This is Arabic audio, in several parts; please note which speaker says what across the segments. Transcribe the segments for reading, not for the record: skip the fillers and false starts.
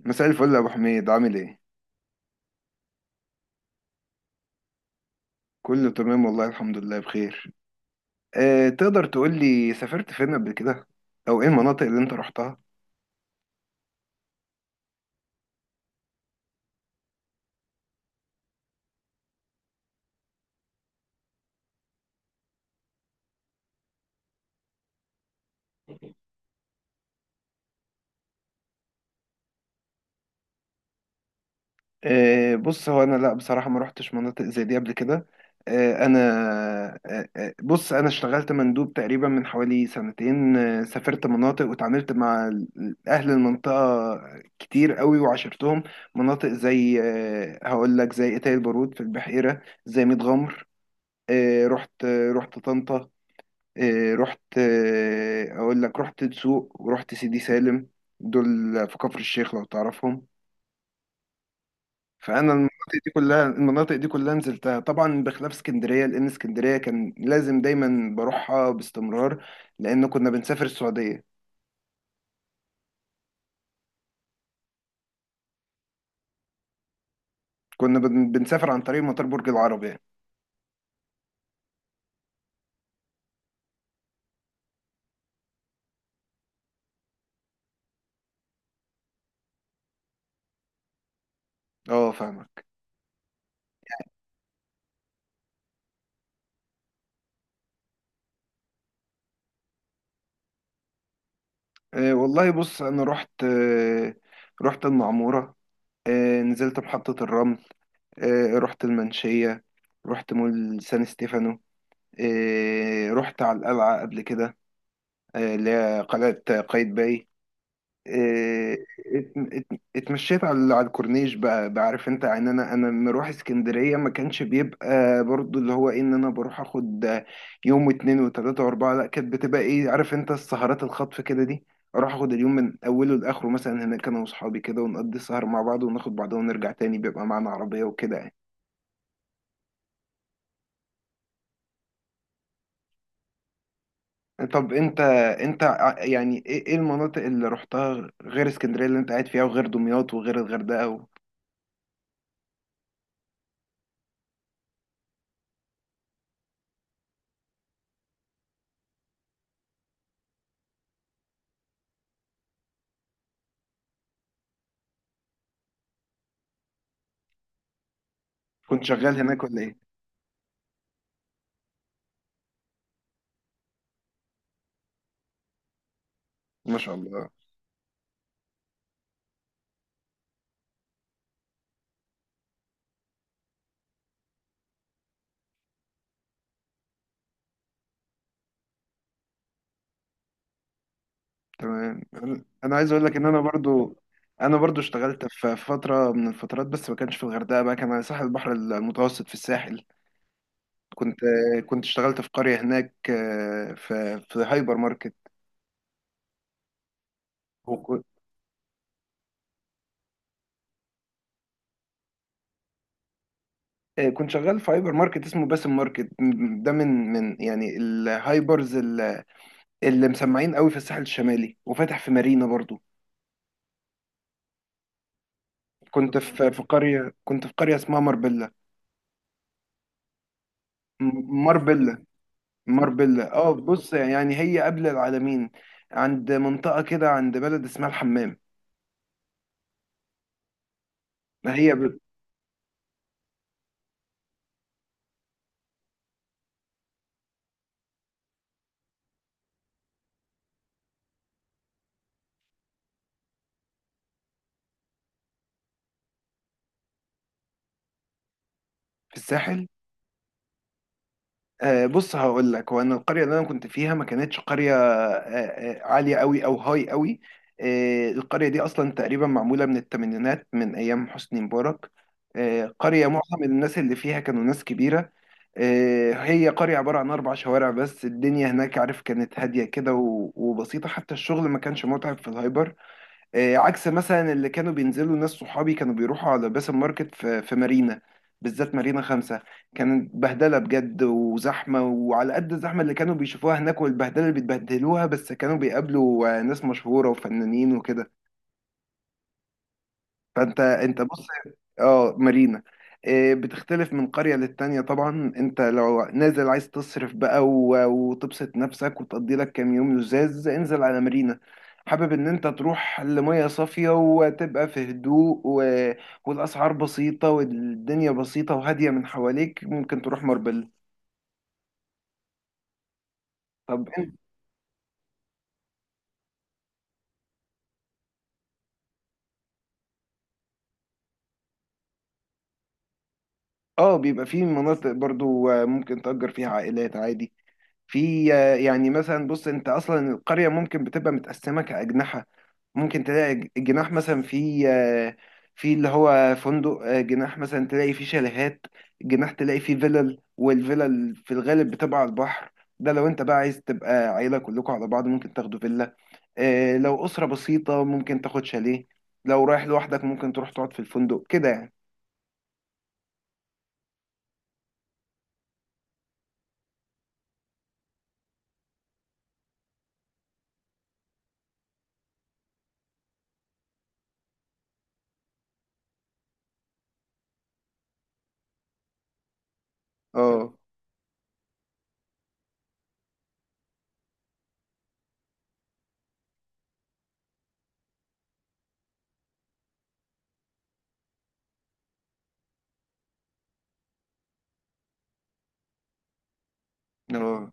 Speaker 1: مساء الفل يا ابو حميد، عامل ايه؟ كله تمام والله، الحمد لله بخير. تقدر تقول لي سافرت فين قبل كده او ايه المناطق اللي انت رحتها؟ بص، هو انا لا بصراحة ما رحتش مناطق زي دي قبل كده. أه انا أه آه، بص، انا اشتغلت مندوب تقريبا من حوالي سنتين، سافرت مناطق وتعاملت مع اهل المنطقة كتير قوي وعاشرتهم. مناطق زي هقول لك، زي اتاي البارود في البحيرة، زي ميت غمر، أه رحت آه، رحت طنطا، إيه، رحت إيه، اقول لك، رحت دسوق ورحت سيدي سالم. دول في كفر الشيخ لو تعرفهم. فانا المناطق دي كلها نزلتها طبعا، بخلاف اسكندريه، لان اسكندريه كان لازم دايما بروحها باستمرار، لان كنا بنسافر السعوديه. بنسافر عن طريق مطار برج العرب يعني. اه فاهمك. والله بص، انا رحت، رحت المعموره، نزلت محطه الرمل، رحت المنشيه، رحت مول سان ستيفانو، رحت على القلعة قبل كده، اللي هي قلعة قايتباي. إيه، اتمشيت على الكورنيش بقى. بعرف انت يعني، انا لما اروح اسكندريه ما كانش بيبقى برضو اللي هو ايه، ان انا بروح اخد يوم واتنين وتلاته واربعه، لا، كانت بتبقى ايه، عارف انت، السهرات الخطف كده دي. اروح اخد اليوم من اوله لاخره مثلا، هناك انا واصحابي كده، ونقضي السهر مع بعض وناخد بعض ونرجع تاني، بيبقى معانا عربيه وكده يعني. طب انت، يعني ايه إيه المناطق اللي رحتها غير اسكندريه اللي انت قاعد فيها، وغير دمياط، وغير الغردقه و...؟ كنت شغال هناك ولا ايه؟ ما شاء الله. تمام. أنا عايز اقول لك ان انا برضو، انا برضو اشتغلت في فتره من الفترات، بس ما كانش في الغردقه بقى، كان على ساحل البحر المتوسط، في الساحل. كنت كنت اشتغلت في قريه هناك، آه، في هايبر ماركت. وكنت كنت شغال في هايبر ماركت اسمه باسم ماركت. ده من يعني الهايبرز اللي مسمعين قوي في الساحل الشمالي، وفاتح في مارينا برضو. كنت في قرية، كنت في قرية اسمها ماربيلا. ماربيلا، ماربيلا. اه، بص، يعني هي قبل العالمين، عند منطقة كده، عند بلد اسمها الحمام. ما هي ب- في الساحل. آه، بص، هقول لك. هو انا القريه اللي انا كنت فيها ما كانتش قريه آه، عاليه قوي او هاي قوي. آه، القريه دي اصلا تقريبا معموله من الثمانينات، من ايام حسني مبارك. آه، قريه معظم الناس اللي فيها كانوا ناس كبيره. آه، هي قريه عباره عن اربع شوارع بس. الدنيا هناك، عارف، كانت هاديه كده وبسيطه، حتى الشغل ما كانش متعب في الهايبر. آه، عكس مثلا اللي كانوا بينزلوا، ناس صحابي كانوا بيروحوا على باسم ماركت في مارينا، بالذات مارينا خمسة، كانت بهدلة بجد وزحمة. وعلى قد الزحمة اللي كانوا بيشوفوها هناك والبهدلة اللي بيتبهدلوها، بس كانوا بيقابلوا آه، ناس مشهورة وفنانين وكده. فانت، بص، اه مارينا، آه، بتختلف من قرية للتانية طبعا. انت لو نازل عايز تصرف بقى وتبسط نفسك وتقضي لك كام يوم لزاز، انزل على مارينا. حابب ان انت تروح لمية صافية وتبقى في هدوء و... والاسعار بسيطة والدنيا بسيطة وهادية من حواليك، ممكن تروح ماربل. طب انت، اه بيبقى في مناطق برضو آه، ممكن تأجر فيها عائلات عادي. في آه، يعني مثلا، بص، انت اصلا القريه ممكن بتبقى متقسمه كاجنحه. ممكن تلاقي جناح مثلا في آه، في اللي هو فندق. آه، جناح مثلا تلاقي فيه شاليهات. جناح تلاقي فيه فيلل، والفيلل في الغالب بتبقى على البحر. ده لو انت بقى عايز تبقى عيله كلكم على بعض، ممكن تاخدوا فيلا. آه، لو اسره بسيطه ممكن تاخد شاليه. لو رايح لوحدك ممكن تروح تقعد في الفندق كده يعني. اه. اه.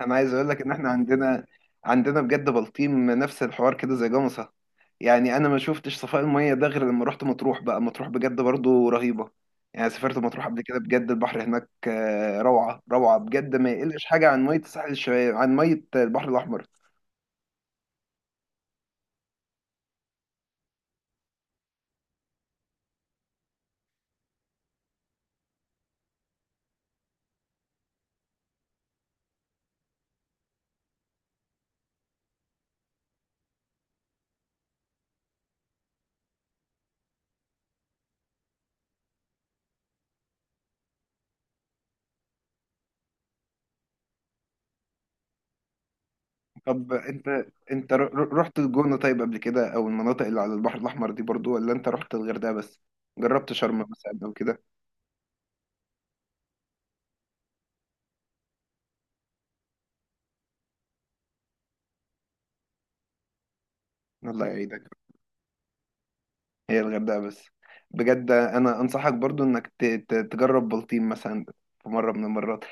Speaker 1: انا عايز اقول لك ان احنا عندنا، عندنا بجد بلطيم نفس الحوار كده زي جمصة. يعني انا ما شفتش صفاء المية ده غير لما رحت مطروح بقى. مطروح بجد برضو رهيبة. يعني سافرت مطروح قبل كده، بجد البحر هناك آه، روعة روعة بجد، ما يقلش حاجة عن مية الساحل الشمالي عن مية البحر الاحمر. طب انت، رحت الجونة طيب قبل كده، او المناطق اللي على البحر الاحمر دي برضو، ولا انت رحت الغردقة بس؟ جربت شرم مثلا او كده؟ الله يعيدك. هي الغردقة بس. بجد انا انصحك برضو انك تجرب بلطيم مثلا في مرة من المرات.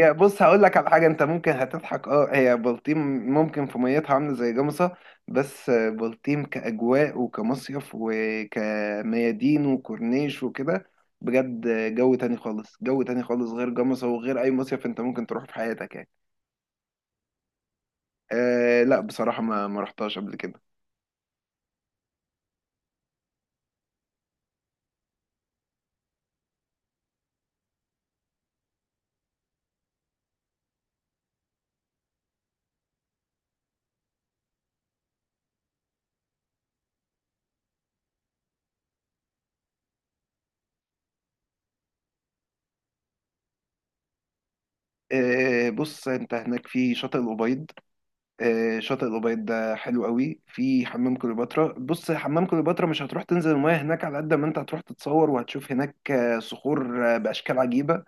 Speaker 1: هي بص، هقول لك على حاجة انت ممكن هتضحك. اه، هي بلطيم ممكن في ميتها عاملة زي جمصة، بس بلطيم كأجواء، وكمصيف، وكميادين، وكورنيش، وكده، بجد جو تاني خالص، جو تاني خالص، غير جمصة وغير اي مصيف انت ممكن تروح في حياتك يعني. آه لا، بصراحة ما رحتهاش قبل كده. آه بص، انت هناك في شاطئ الأبيض. آه، شاطئ الأبيض ده حلو قوي. في حمام كليوباترا. بص، حمام كليوباترا مش هتروح تنزل المياه هناك على قد ما انت هتروح تتصور، وهتشوف هناك آه، صخور آه، بأشكال عجيبة.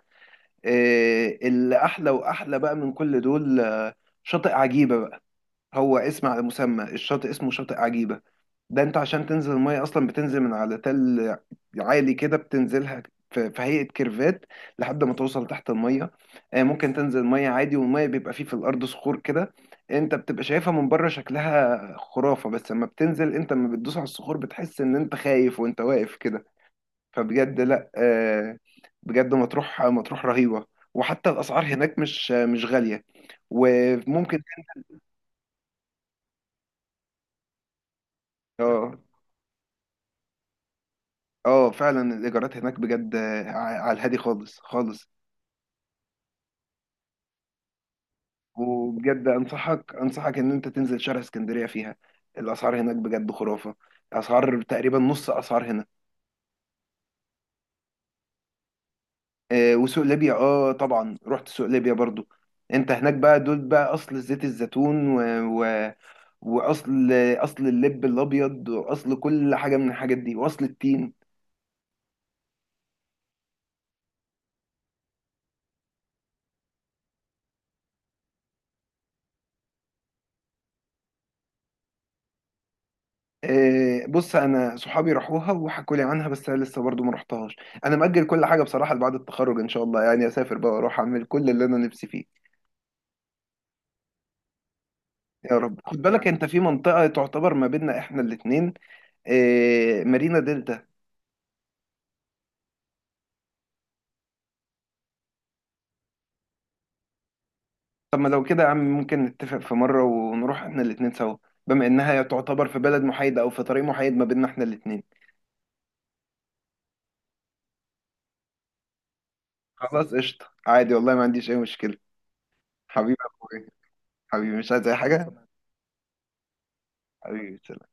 Speaker 1: آه، اللي أحلى وأحلى بقى من كل دول آه، شاطئ عجيبة بقى. هو اسم على مسمى، الشاطئ اسمه شاطئ عجيبة. ده انت عشان تنزل المية اصلا بتنزل من على تل عالي كده بتنزلها، في هيئة كيرفات لحد ما توصل تحت المية. آه، ممكن تنزل مية عادي، والمية بيبقى فيه في الأرض صخور كده، انت بتبقى شايفها من بره شكلها خرافة، بس لما بتنزل انت، لما بتدوس على الصخور بتحس ان انت خايف وانت واقف كده. فبجد لا آه، بجد مطروح، مطروح رهيبة. وحتى الأسعار هناك مش غالية. وممكن. اه. اه فعلا الإيجارات هناك بجد آه، على الهادي خالص خالص. وبجد انصحك، انصحك ان انت تنزل شارع اسكندريه فيها. الاسعار هناك بجد خرافه، اسعار تقريبا نص اسعار هنا. آه، وسوق ليبيا، اه طبعا رحت سوق ليبيا برضو. انت هناك بقى، دول بقى اصل زيت الزيتون و... و... واصل، اصل اللب الابيض، واصل كل حاجه من الحاجات دي، واصل التين. آه بص، انا صحابي راحوها وحكوا لي عنها، بس انا لسه برضو ما رحتهاش. انا مأجل كل حاجه بصراحه لبعد التخرج، ان شاء الله يعني اسافر بقى واروح اعمل كل اللي انا نفسي فيه. يا رب. خد بالك انت في منطقة تعتبر ما بيننا احنا الاتنين، اه مارينا دلتا. طب ما لو كده يا عم ممكن نتفق في مرة ونروح احنا الاتنين سوا، بما انها تعتبر في بلد محايدة او في طريق محايد ما بيننا احنا الاتنين. خلاص قشطة، عادي والله ما عنديش اي مشكلة. حبيبي يا اخويا. حبيبي مش عايز اي حاجة. حبيبي سلام.